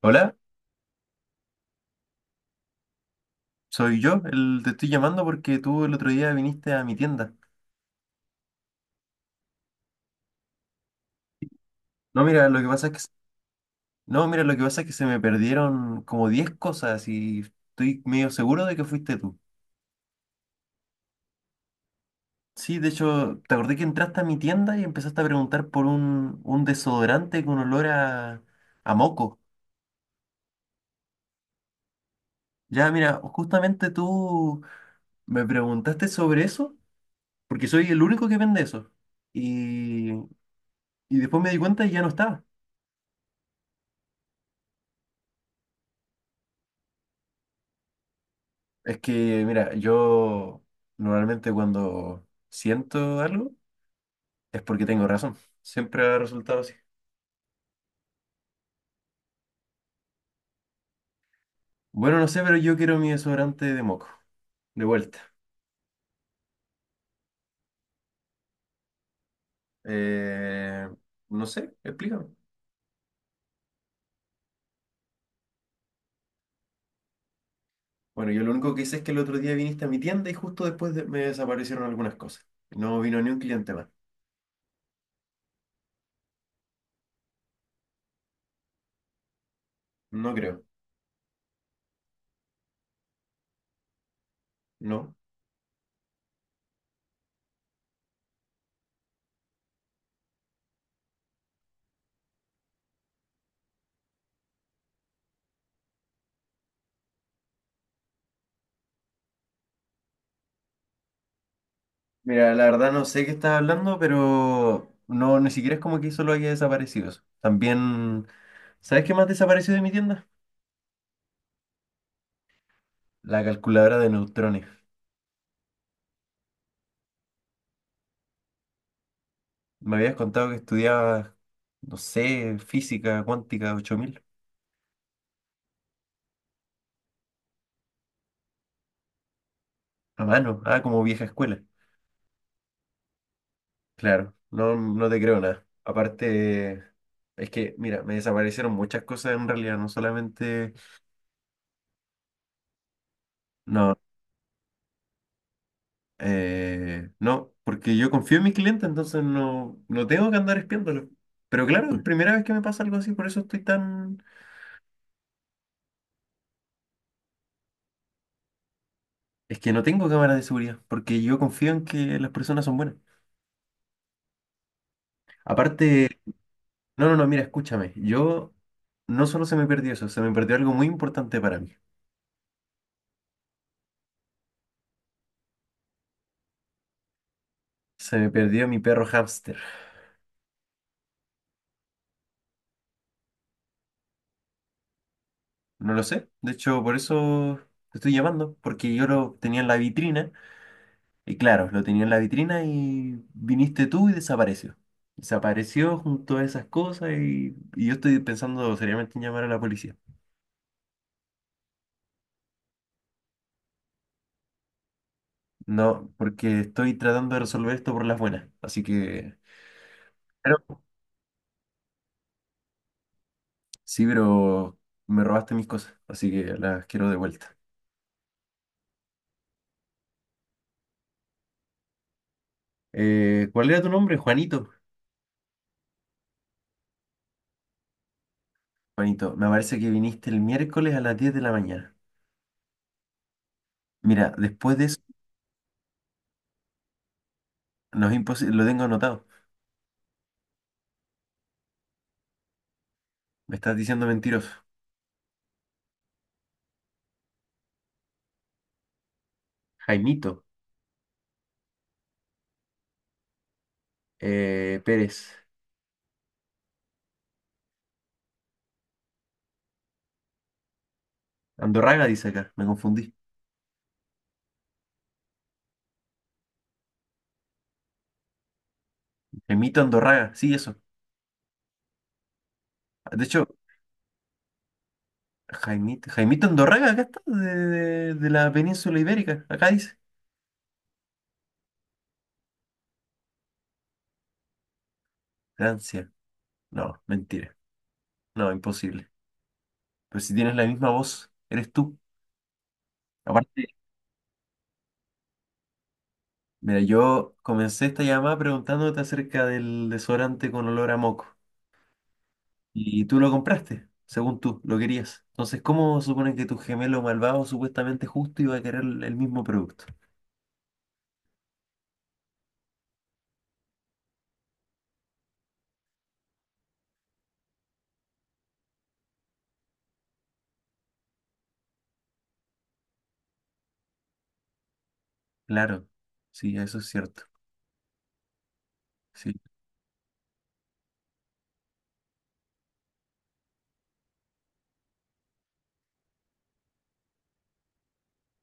Hola, soy yo, te estoy llamando porque tú el otro día viniste a mi tienda. No, mira, lo que pasa es que, no, mira, lo que pasa es que se me perdieron como 10 cosas y estoy medio seguro de que fuiste tú. Sí, de hecho, te acordé que entraste a mi tienda y empezaste a preguntar por un desodorante con olor a moco. Ya, mira, justamente tú me preguntaste sobre eso porque soy el único que vende eso. Y después me di cuenta y ya no estaba. Es que, mira, yo normalmente cuando siento algo es porque tengo razón. Siempre ha resultado así. Bueno, no sé, pero yo quiero mi desodorante de moco. De vuelta. Eh, no sé, explícame. Bueno, yo lo único que hice es que el otro día viniste a mi tienda y justo después me desaparecieron algunas cosas. No vino ni un cliente más. No creo. No. Mira, la verdad no sé qué estás hablando, pero no, ni siquiera es como que solo haya desaparecido eso. También, ¿sabes qué más desapareció de mi tienda? La calculadora de neutrones. Me habías contado que estudiabas, no sé, física cuántica 8000. A mano. Ah, como vieja escuela. Claro, no, no te creo nada. Aparte, es que, mira, me desaparecieron muchas cosas en realidad, no solamente... No, no, porque yo confío en mis clientes, entonces no, no tengo que andar espiándolos. Pero claro, es primera vez que me pasa algo así, por eso estoy tan... Es que no tengo cámaras de seguridad, porque yo confío en que las personas son buenas. Aparte... No, no, no, mira, escúchame. Yo no solo se me perdió eso, se me perdió algo muy importante para mí. Se me perdió mi perro hámster. No lo sé. De hecho, por eso te estoy llamando, porque yo lo tenía en la vitrina. Y claro, lo tenía en la vitrina y viniste tú y desapareció. Desapareció junto a esas cosas y yo estoy pensando seriamente en llamar a la policía. No, porque estoy tratando de resolver esto por las buenas. Así que... Pero... Sí, pero me robaste mis cosas, así que las quiero de vuelta. ¿Cuál era tu nombre? Juanito. Juanito, me parece que viniste el miércoles a las 10 de la mañana. Mira, después de eso, no es imposible, lo tengo anotado. Me estás diciendo mentiroso. Jaimito Pérez. Andorraga dice acá, me confundí. Jaimito Andorraga, sí, eso. De hecho, Jaimito, Jaimito Andorraga, acá está, de la península ibérica, acá dice. Francia. No, mentira. No, imposible. Pero si tienes la misma voz, eres tú. Aparte, mira, yo comencé esta llamada preguntándote acerca del desodorante con olor a moco. Y tú lo compraste, según tú, lo querías. Entonces, ¿cómo suponen que tu gemelo malvado, supuestamente justo, iba a querer el mismo producto? Claro, sí, eso es cierto. Sí,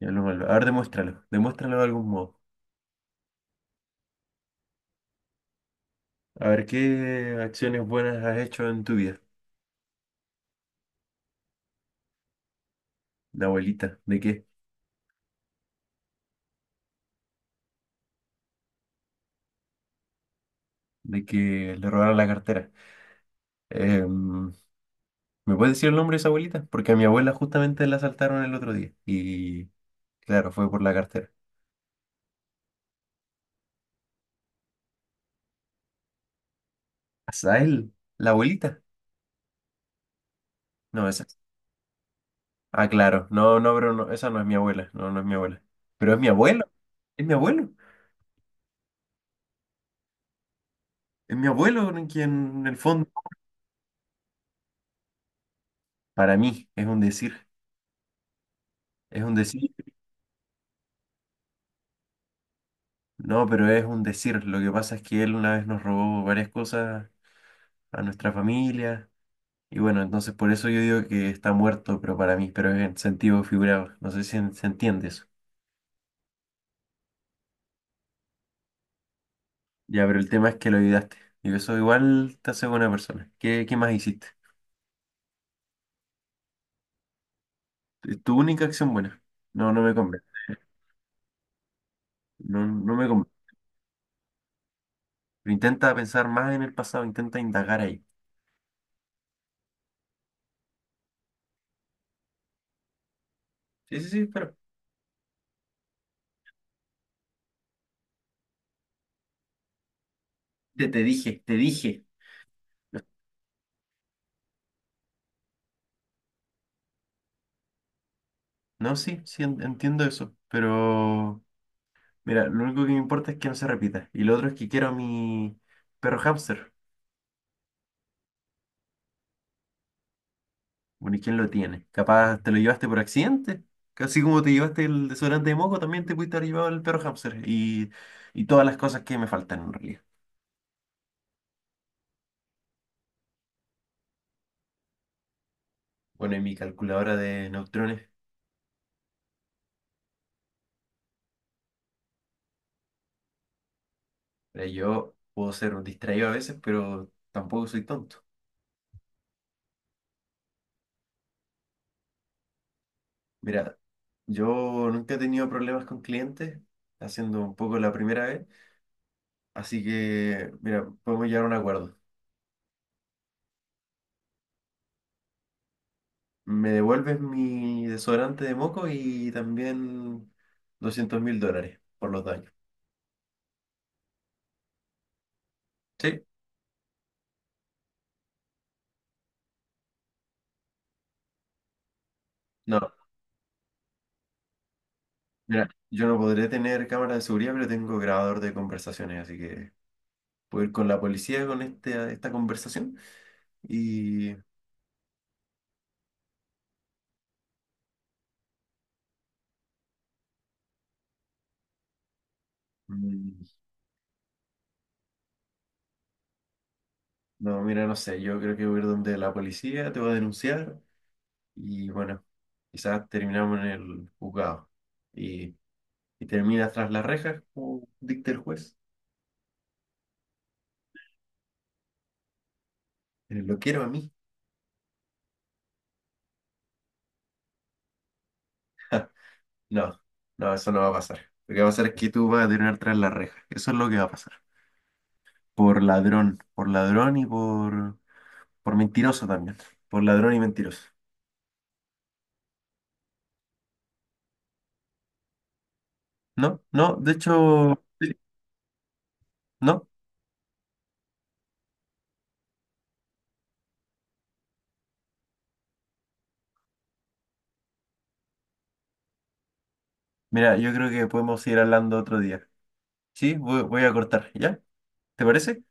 gemelo malvado. A ver, demuéstralo. Demuéstralo de algún modo. A ver, ¿qué acciones buenas has hecho en tu vida? La abuelita, ¿de qué? De que le robaron la cartera. Em, ¿Me puedes decir el nombre de esa abuelita? Porque a mi abuela justamente la asaltaron el otro día. Y claro, fue por la cartera. ¿Azael? ¿La abuelita? No, esa. Ah, claro. No, no, pero no, esa no es mi abuela. No, no es mi abuela. Pero es mi abuelo. Es mi abuelo. Es mi abuelo en quien, en el fondo, para mí es un decir. Es un decir. No, pero es un decir. Lo que pasa es que él una vez nos robó varias cosas a nuestra familia. Y bueno, entonces por eso yo digo que está muerto, pero para mí, pero es en sentido figurado. No sé si se entiende eso. Ya, pero el tema es que lo olvidaste. Y eso igual te hace buena persona. ¿Qué, qué más hiciste? Tu única acción buena. No, no me convence. No, no me convence. Pero intenta pensar más en el pasado, intenta indagar ahí. Sí, sí, sí, pero te dije, te dije. No, sí, sí, entiendo eso. Pero mira, lo único que me importa es que no se repita. Y lo otro es que quiero a mi perro hámster. Bueno, ¿y quién lo tiene? Capaz te lo llevaste por accidente. Casi como te llevaste el desodorante de moco, también te pudiste haber llevado el perro hámster. Y todas las cosas que me faltan en realidad. Bueno, y mi calculadora de neutrones. Mira, yo puedo ser un distraído a veces, pero tampoco soy tonto. Mira, yo nunca he tenido problemas con clientes, haciendo un poco la primera vez, así que, mira, podemos llegar a un acuerdo. Me devuelves mi desodorante de moco y también $200.000 por los daños. Sí, no, mira, yo no podré tener cámara de seguridad, pero tengo grabador de conversaciones, así que puedo ir con la policía con esta conversación y... Mm. No, mira, no sé, yo creo que voy a ir donde la policía te va a denunciar y bueno, quizás terminamos en el juzgado y, y termina tras las rejas como dicta el juez. Lo quiero a mí. No, no, eso no va a pasar. Lo que va a pasar es que tú vas a terminar tras las rejas. Eso es lo que va a pasar. Por ladrón y por mentiroso también. Por ladrón y mentiroso. No, no, de hecho, sí, no. Mira, yo creo que podemos seguir hablando otro día. Sí, voy a cortar, ¿ya? ¿Te parece?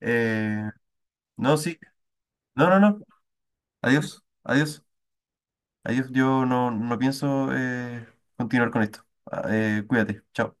Eh, no, sí. No, no, no. Adiós. Adiós. Adiós. Yo no, no pienso continuar con esto. Ah, cuídate. Chao.